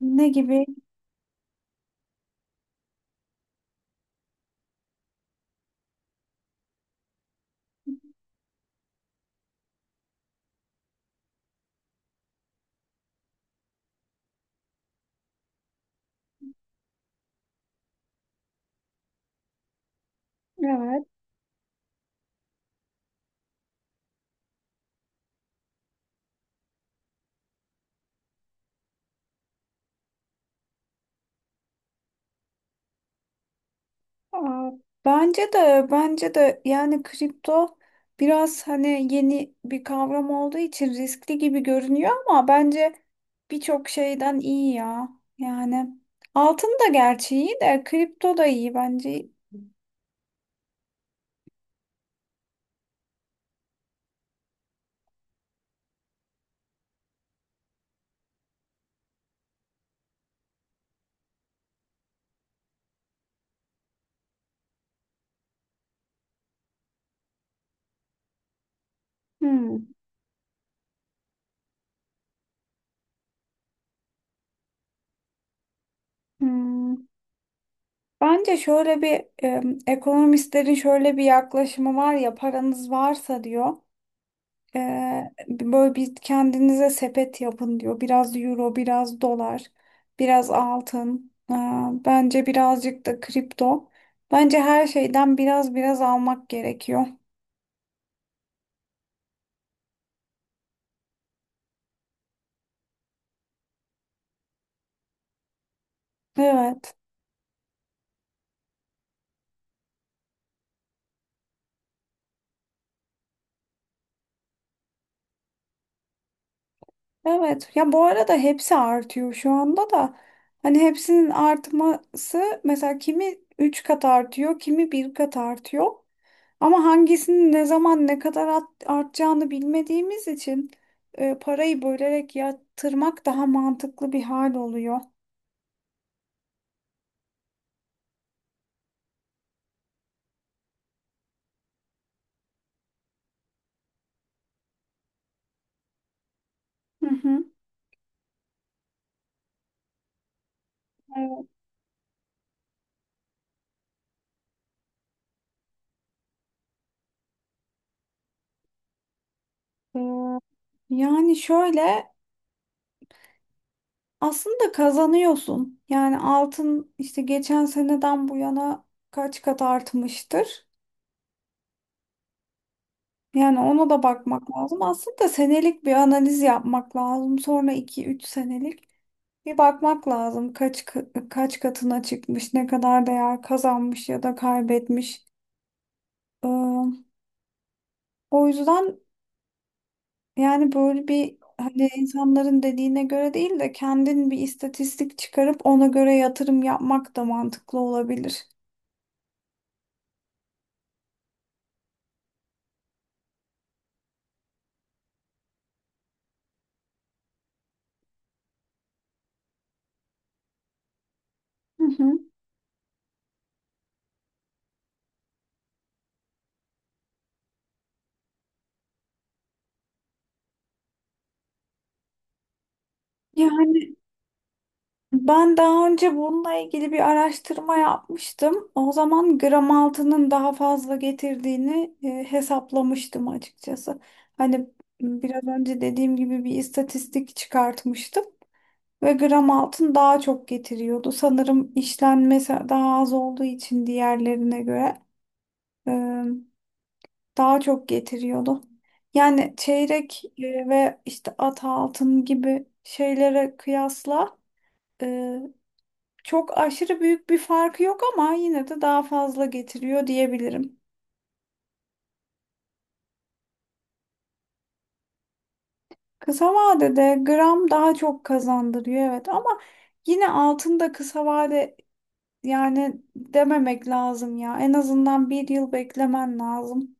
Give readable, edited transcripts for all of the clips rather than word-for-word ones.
Ne gibi? Evet. Aa, bence de yani kripto biraz hani yeni bir kavram olduğu için riskli gibi görünüyor ama bence birçok şeyden iyi ya. Yani altın da gerçi iyi de kripto da iyi bence. Hmm, hmm. Bence şöyle bir ekonomistlerin şöyle bir yaklaşımı var ya paranız varsa diyor. Böyle bir kendinize sepet yapın diyor. Biraz euro, biraz dolar, biraz altın. Bence birazcık da kripto. Bence her şeyden biraz biraz almak gerekiyor. Evet. Evet. Ya bu arada hepsi artıyor şu anda da. Hani hepsinin artması mesela kimi 3 kat artıyor, kimi bir kat artıyor. Ama hangisinin ne zaman ne kadar artacağını bilmediğimiz için parayı bölerek yatırmak daha mantıklı bir hal oluyor. Hı hı. Evet. Ee, Yani şöyle aslında kazanıyorsun. Yani altın işte geçen seneden bu yana kaç kat artmıştır. Yani ona da bakmak lazım. Aslında senelik bir analiz yapmak lazım. Sonra 2-3 senelik. Bir bakmak lazım kaç kaç katına çıkmış, ne kadar değer kazanmış ya da kaybetmiş. Ee, O yüzden yani böyle bir hani insanların dediğine göre değil de kendin bir istatistik çıkarıp ona göre yatırım yapmak da mantıklı olabilir. Hı hı. Yani ben daha önce bununla ilgili bir araştırma yapmıştım. O zaman gram altının daha fazla getirdiğini hesaplamıştım açıkçası. Hani biraz önce dediğim gibi bir istatistik çıkartmıştım ve gram altın daha çok getiriyordu. Sanırım işlenmesi daha az olduğu için diğerlerine göre e, daha çok getiriyordu. Yani çeyrek ve işte at altın gibi şeylere kıyasla çok aşırı büyük bir farkı yok ama yine de daha fazla getiriyor diyebilirim. Kısa vadede gram daha çok kazandırıyor evet ama yine altında kısa vade yani dememek lazım ya. En azından bir yıl beklemen lazım.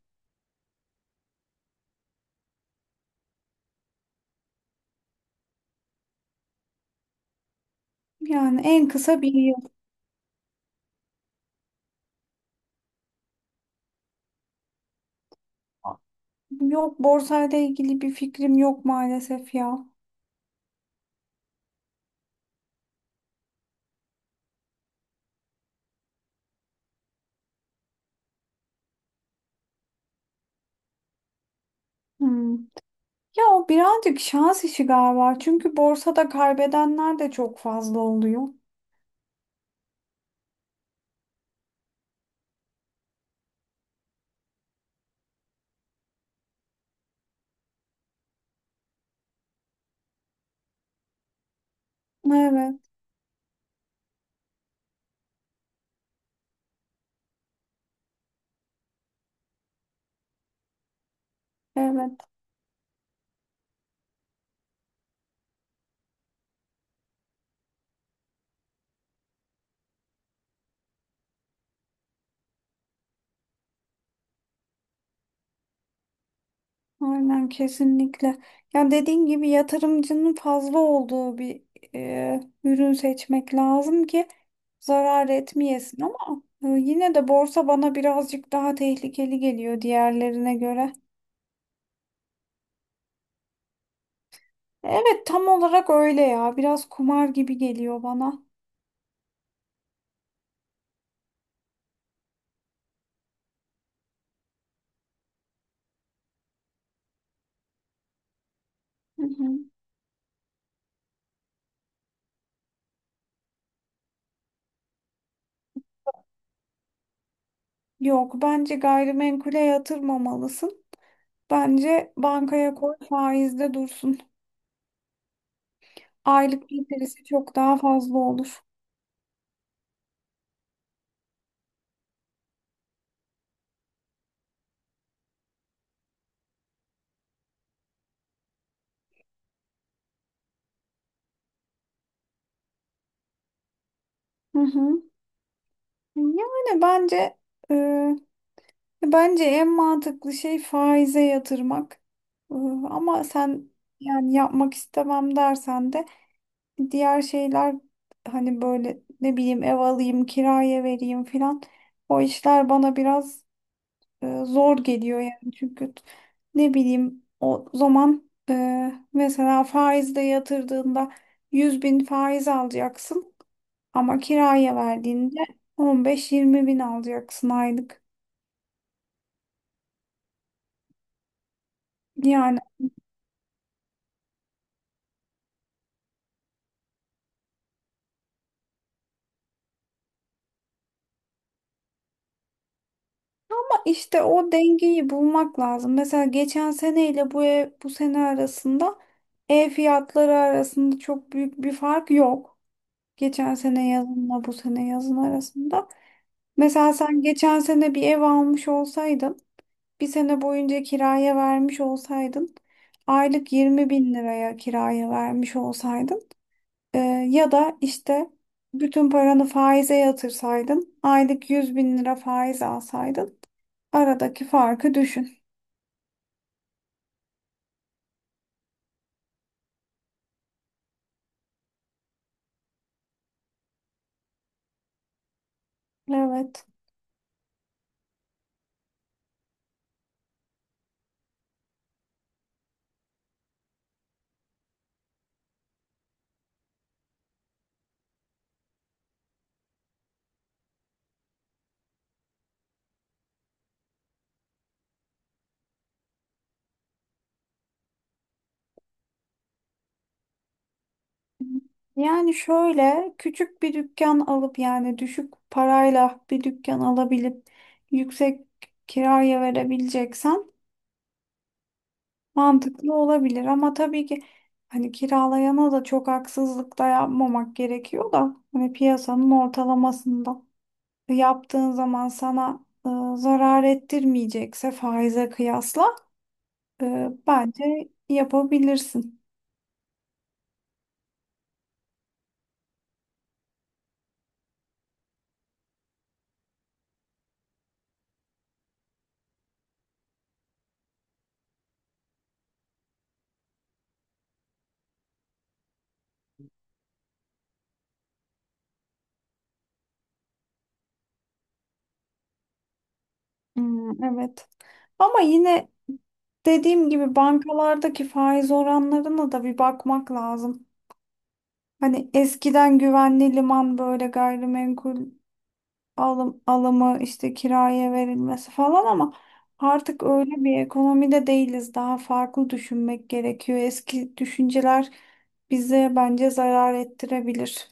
Yani en kısa bir yıl. Yok borsayla ilgili bir fikrim yok maalesef ya. Hmm. Ya o birazcık şans işi galiba. Çünkü borsada kaybedenler de çok fazla oluyor. Evet, evet. Aynen kesinlikle. Ya dediğin gibi yatırımcının fazla olduğu bir ürün seçmek lazım ki zarar etmeyesin ama yine de borsa bana birazcık daha tehlikeli geliyor diğerlerine göre. Evet tam olarak öyle ya. Biraz kumar gibi geliyor bana. Hı hı. Yok bence gayrimenkule yatırmamalısın. Bence bankaya koy faizde dursun. Aylık getirisi çok daha fazla olur. Hı hı. Yani e, Bence en mantıklı şey faize yatırmak. Ee, Ama sen yani yapmak istemem dersen de diğer şeyler hani böyle ne bileyim ev alayım, kiraya vereyim filan. O işler bana biraz zor geliyor yani çünkü ne bileyim o zaman mesela faizde yatırdığında 100 bin faiz alacaksın ama kiraya verdiğinde 15-20 bin alacaksın aylık. Yani İşte o dengeyi bulmak lazım. Mesela geçen seneyle bu bu sene arasında ev fiyatları arasında çok büyük bir fark yok. Geçen sene yazınla bu sene yazın arasında. Mesela sen geçen sene bir ev almış olsaydın, bir sene boyunca kiraya vermiş olsaydın, aylık 20 bin liraya kiraya vermiş olsaydın e, ya da işte bütün paranı faize yatırsaydın, aylık 100 bin lira faiz alsaydın, aradaki farkı düşün. Evet. Yani şöyle küçük bir dükkan alıp yani düşük parayla bir dükkan alabilip yüksek kiraya verebileceksen mantıklı olabilir. Ama tabii ki hani kiralayana da çok haksızlık da yapmamak gerekiyor da hani piyasanın ortalamasında yaptığın zaman sana zarar ettirmeyecekse faize kıyasla bence yapabilirsin. Hmm, evet. Ama yine dediğim gibi bankalardaki faiz oranlarına da bir bakmak lazım. Hani eskiden güvenli liman böyle gayrimenkul alımı işte kiraya verilmesi falan ama artık öyle bir ekonomide değiliz. Daha farklı düşünmek gerekiyor. Eski düşünceler bize bence zarar ettirebilir.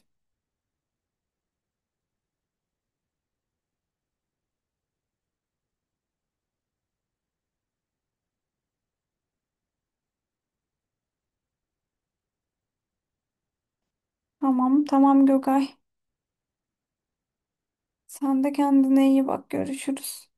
Tamam, tamam Gökay. Sen de kendine iyi bak. Görüşürüz.